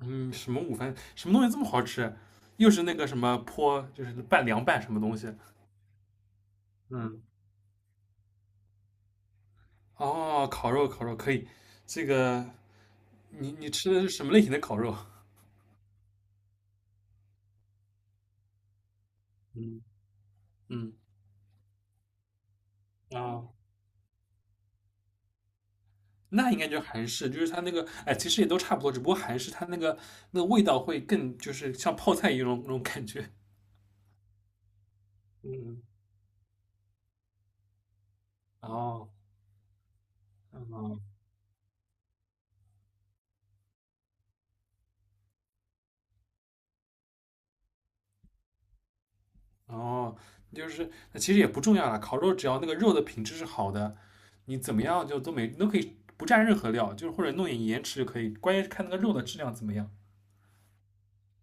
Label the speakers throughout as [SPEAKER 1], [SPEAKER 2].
[SPEAKER 1] 嗯，什么午饭，什么东西这么好吃？又是那个什么泼，就是凉拌什么东西？嗯，哦，烤肉，烤肉可以。这个你吃的是什么类型的烤肉？嗯嗯，啊，那应该就是韩式，就是它那个，哎，其实也都差不多，只不过韩式它那个味道会更，就是像泡菜一样那种感觉。嗯，哦，嗯，哦，就是其实也不重要了，烤肉只要那个肉的品质是好的，你怎么样就都可以不蘸任何料，就是或者弄点盐吃就可以，关键是看那个肉的质量怎么样。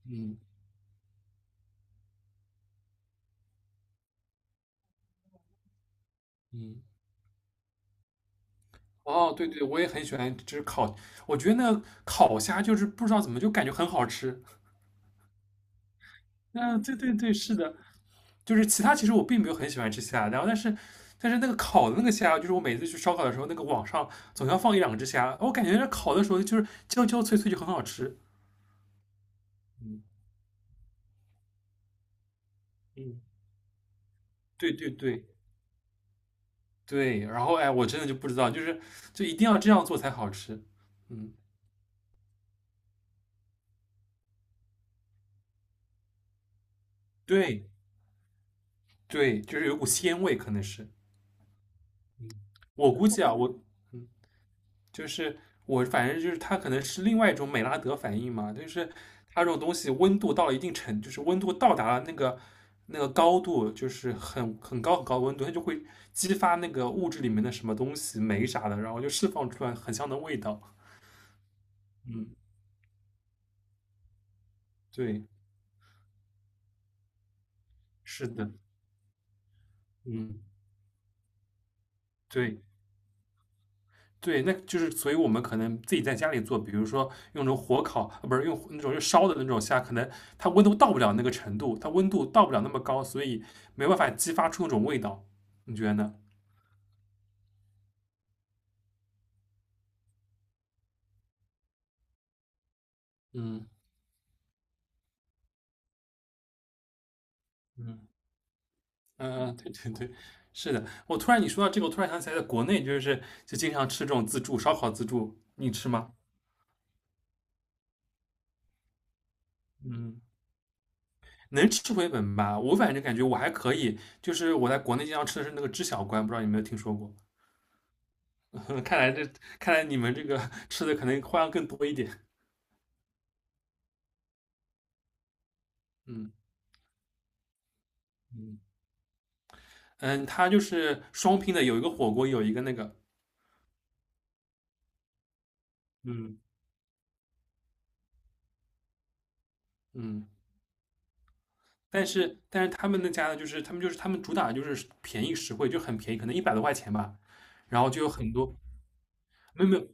[SPEAKER 1] 嗯嗯，哦，对对，我也很喜欢，就是烤，我觉得那个烤虾就是不知道怎么就感觉很好吃。嗯，对对对，是的，就是其他其实我并没有很喜欢吃虾，然后但是那个烤的那个虾，就是我每次去烧烤的时候，那个网上总要放一两只虾，我感觉那烤的时候就是焦焦脆脆就很好吃。嗯，对对对对，然后哎，我真的就不知道，就是一定要这样做才好吃。嗯，对对，就是有股鲜味，可能是我估计啊，我嗯，就是我反正就是它可能是另外一种美拉德反应嘛，就是它这种东西温度到了一定程，就是温度到达了那个高度，就是很高很高的温度，它就会激发那个物质里面的什么东西酶啥的，然后就释放出来很香的味道。嗯，对，是的，嗯，对。对，那就是所以我们可能自己在家里做，比如说用那种火烤，不是用那种就烧的那种虾，可能它温度到不了那个程度，它温度到不了那么高，所以没办法激发出那种味道。你觉得呢？嗯嗯嗯嗯，对对对，是的。我突然你说到这个，我突然想起来，在国内就是经常吃这种自助烧烤自助，你吃吗？嗯，能吃回本吧？我反正感觉我还可以，就是我在国内经常吃的是那个知小关，不知道你有没有听说过？嗯看来你们这个吃的可能花样更多一点。嗯嗯嗯，它就是双拼的，有一个火锅，有一个那个，嗯嗯，但是他们那家呢，就是他们主打就是便宜实惠，就很便宜，可能100多块钱吧，然后就有很多没有没有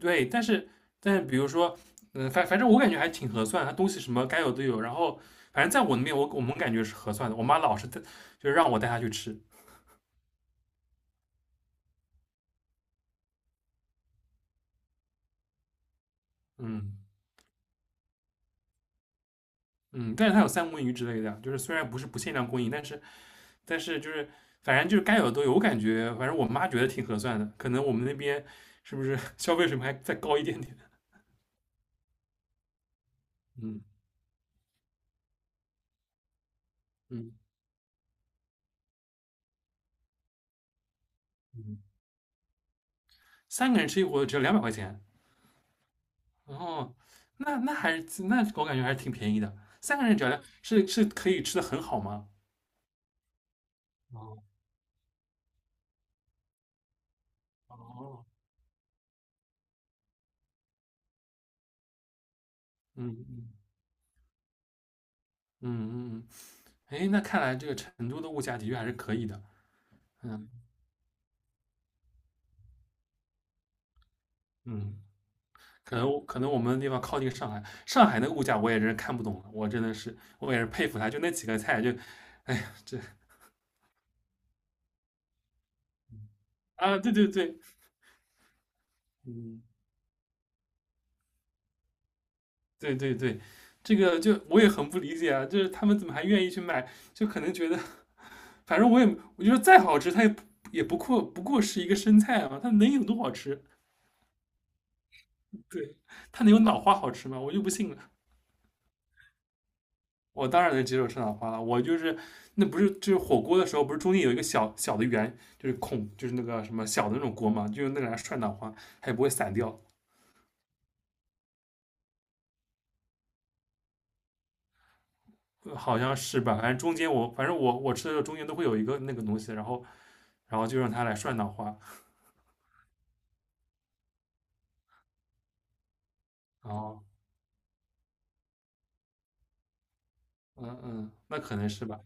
[SPEAKER 1] 对，但是比如说，反正我感觉还挺合算，它东西什么该有都有，然后反正在我那边我们感觉是合算的，我妈老是带就是让我带她去吃，嗯嗯，但是它有三文鱼之类的就是虽然不是不限量供应，但是但是就是反正就是该有的都有，我感觉反正我妈觉得挺合算的，可能我们那边是不是 消费水平还再高一点点？嗯嗯嗯，三个人吃一锅只要200块钱，然后那还是那我感觉还是挺便宜的，三个人只要是可以吃的很好吗？哦哦，嗯嗯嗯嗯，哎，那看来这个成都的物价的确还是可以的，嗯嗯。可能我们的地方靠近上海，上海那个物价我也真是看不懂了，我真的是我也是佩服他，就那几个菜就，哎呀，这啊，对对对，嗯，对对对，就我也很不理解啊，就是他们怎么还愿意去买，就可能觉得，反正我觉得再好吃，它也不过是一个生菜嘛，它能有多好吃？对，它能有脑花好吃吗？我就不信了。我当然能接受生脑花了。我就是那不是就是火锅的时候，不是中间有一个小小的圆，就是孔，就是那个什么小的那种锅嘛，就用那个来涮脑花，它也不会散掉，好像是吧？反正中间我反正我我吃的时候中间都会有一个那个东西，然后就让它来涮脑花，然后嗯嗯，那可能是吧，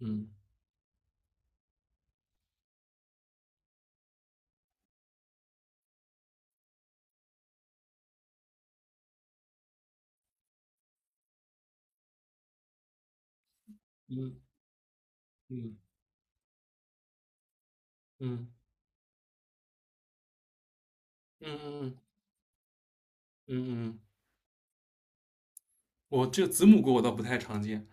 [SPEAKER 1] 嗯嗯嗯嗯嗯嗯嗯嗯，嗯我这个子母锅我倒不太常见。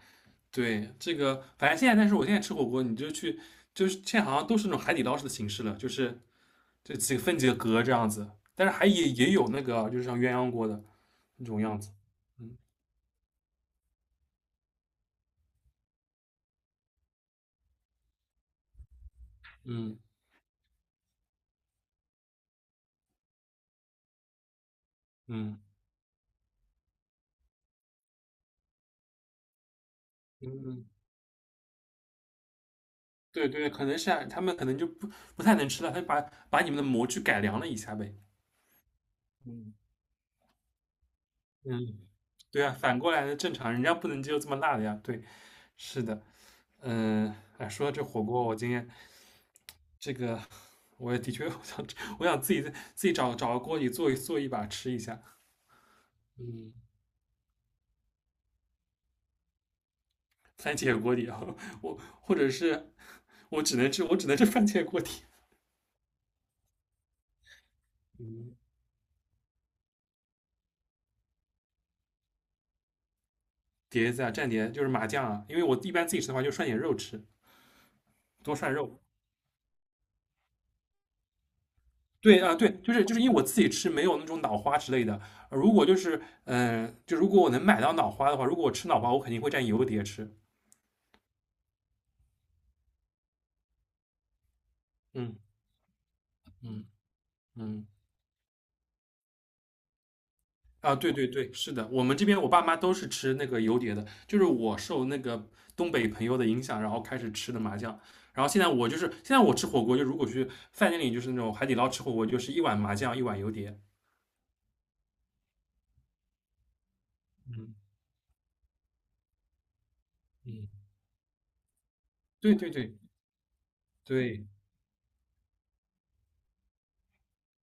[SPEAKER 1] 对，这个反正现在，但是我现在吃火锅，你就去，就是现在好像都是那种海底捞式的形式了，就是这几个分几个格这样子，但是还也有那个就是像鸳鸯锅的那种样子，嗯嗯嗯嗯，对对，可能是啊他们可能就不太能吃了，他就把你们的模具改良了一下呗，嗯嗯，对啊，反过来的正常，人家不能接受这么辣的呀，对，是的。嗯，哎，说到这火锅，我今天这个我也的确 我想自己找个锅底做一把吃一下，嗯 番茄锅底啊，我或者是我只能吃番茄锅底，嗯，碟子啊蘸碟就是麻酱啊，因为我一般自己吃的话就涮点肉吃，多涮肉。对啊，对，就是因为我自己吃没有那种脑花之类的，如果就是嗯、呃就如果我能买到脑花的话，如果我吃脑花，我肯定会蘸油碟吃。嗯嗯嗯。啊，对对对，是的，我们这边我爸妈都是吃那个油碟的，就是我受那个东北朋友的影响，然后开始吃的麻酱，然后现在我吃火锅，就如果去饭店里就是那种海底捞吃火锅，就是一碗麻酱，一碗油碟，嗯嗯，对对对对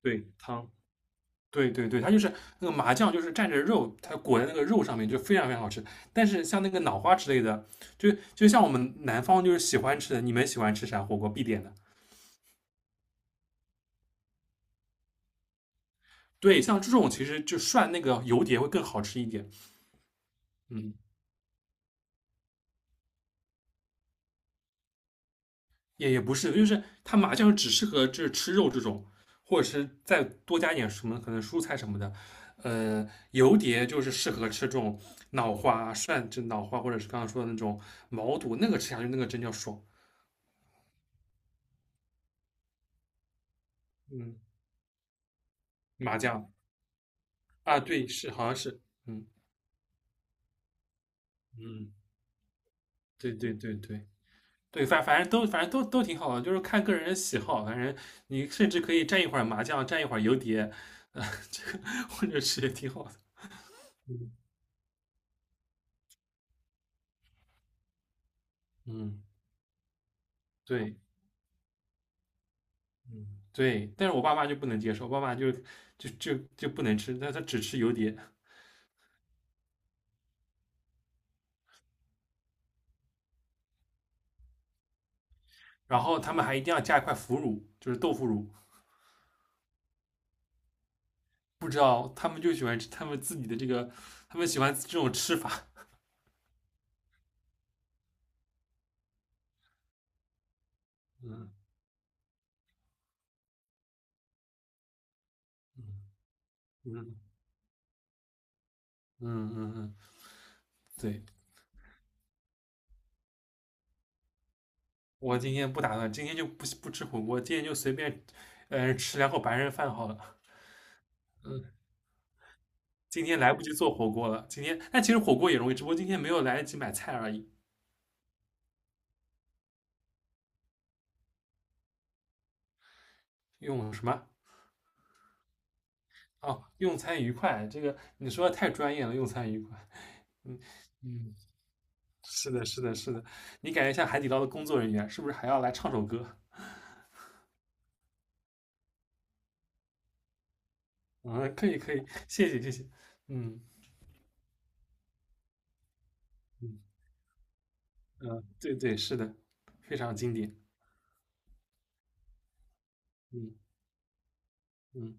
[SPEAKER 1] 对，汤，对对对，它就是那个麻酱，就是蘸着肉，它裹在那个肉上面，就非常非常好吃。但是像那个脑花之类的，就像我们南方就是喜欢吃的，你们喜欢吃啥火锅必点的？对，像这种其实就涮那个油碟会更好吃一点。嗯，也不是，就是它麻酱只适合就是吃肉这种，或者是再多加一点什么可能蔬菜什么的。油碟就是适合吃这种脑花涮，这脑花或者是刚刚说的那种毛肚，那个吃下去那个真叫爽。嗯，麻酱啊，对，是好像是，嗯嗯，对对对对，对，反正都挺好的，就是看个人的喜好。反正你甚至可以蘸一会儿麻酱，蘸一会儿游碟，呃，这个或者是也挺好的。嗯，对，嗯对。但是我爸妈就不能接受，我爸妈就不能吃，但他只吃油碟，然后他们还一定要加一块腐乳，就是豆腐乳。不知道他们就喜欢吃他们自己的这个，他们喜欢这种吃法。嗯嗯嗯嗯嗯嗯，对。我今天不打算，今天就不吃火锅，今天就随便，吃两口白人饭好了。嗯，今天来不及做火锅了，今天但其实火锅也容易，只不过今天没有来得及买菜而已。用什么？哦，用餐愉快，这个你说的太专业了，用餐愉快。嗯嗯，是的，是的，是的，你感觉像海底捞的工作人员，是不是还要来唱首歌？嗯，可以可以，谢谢谢谢。嗯嗯嗯，对对，是的，非常经典。嗯嗯。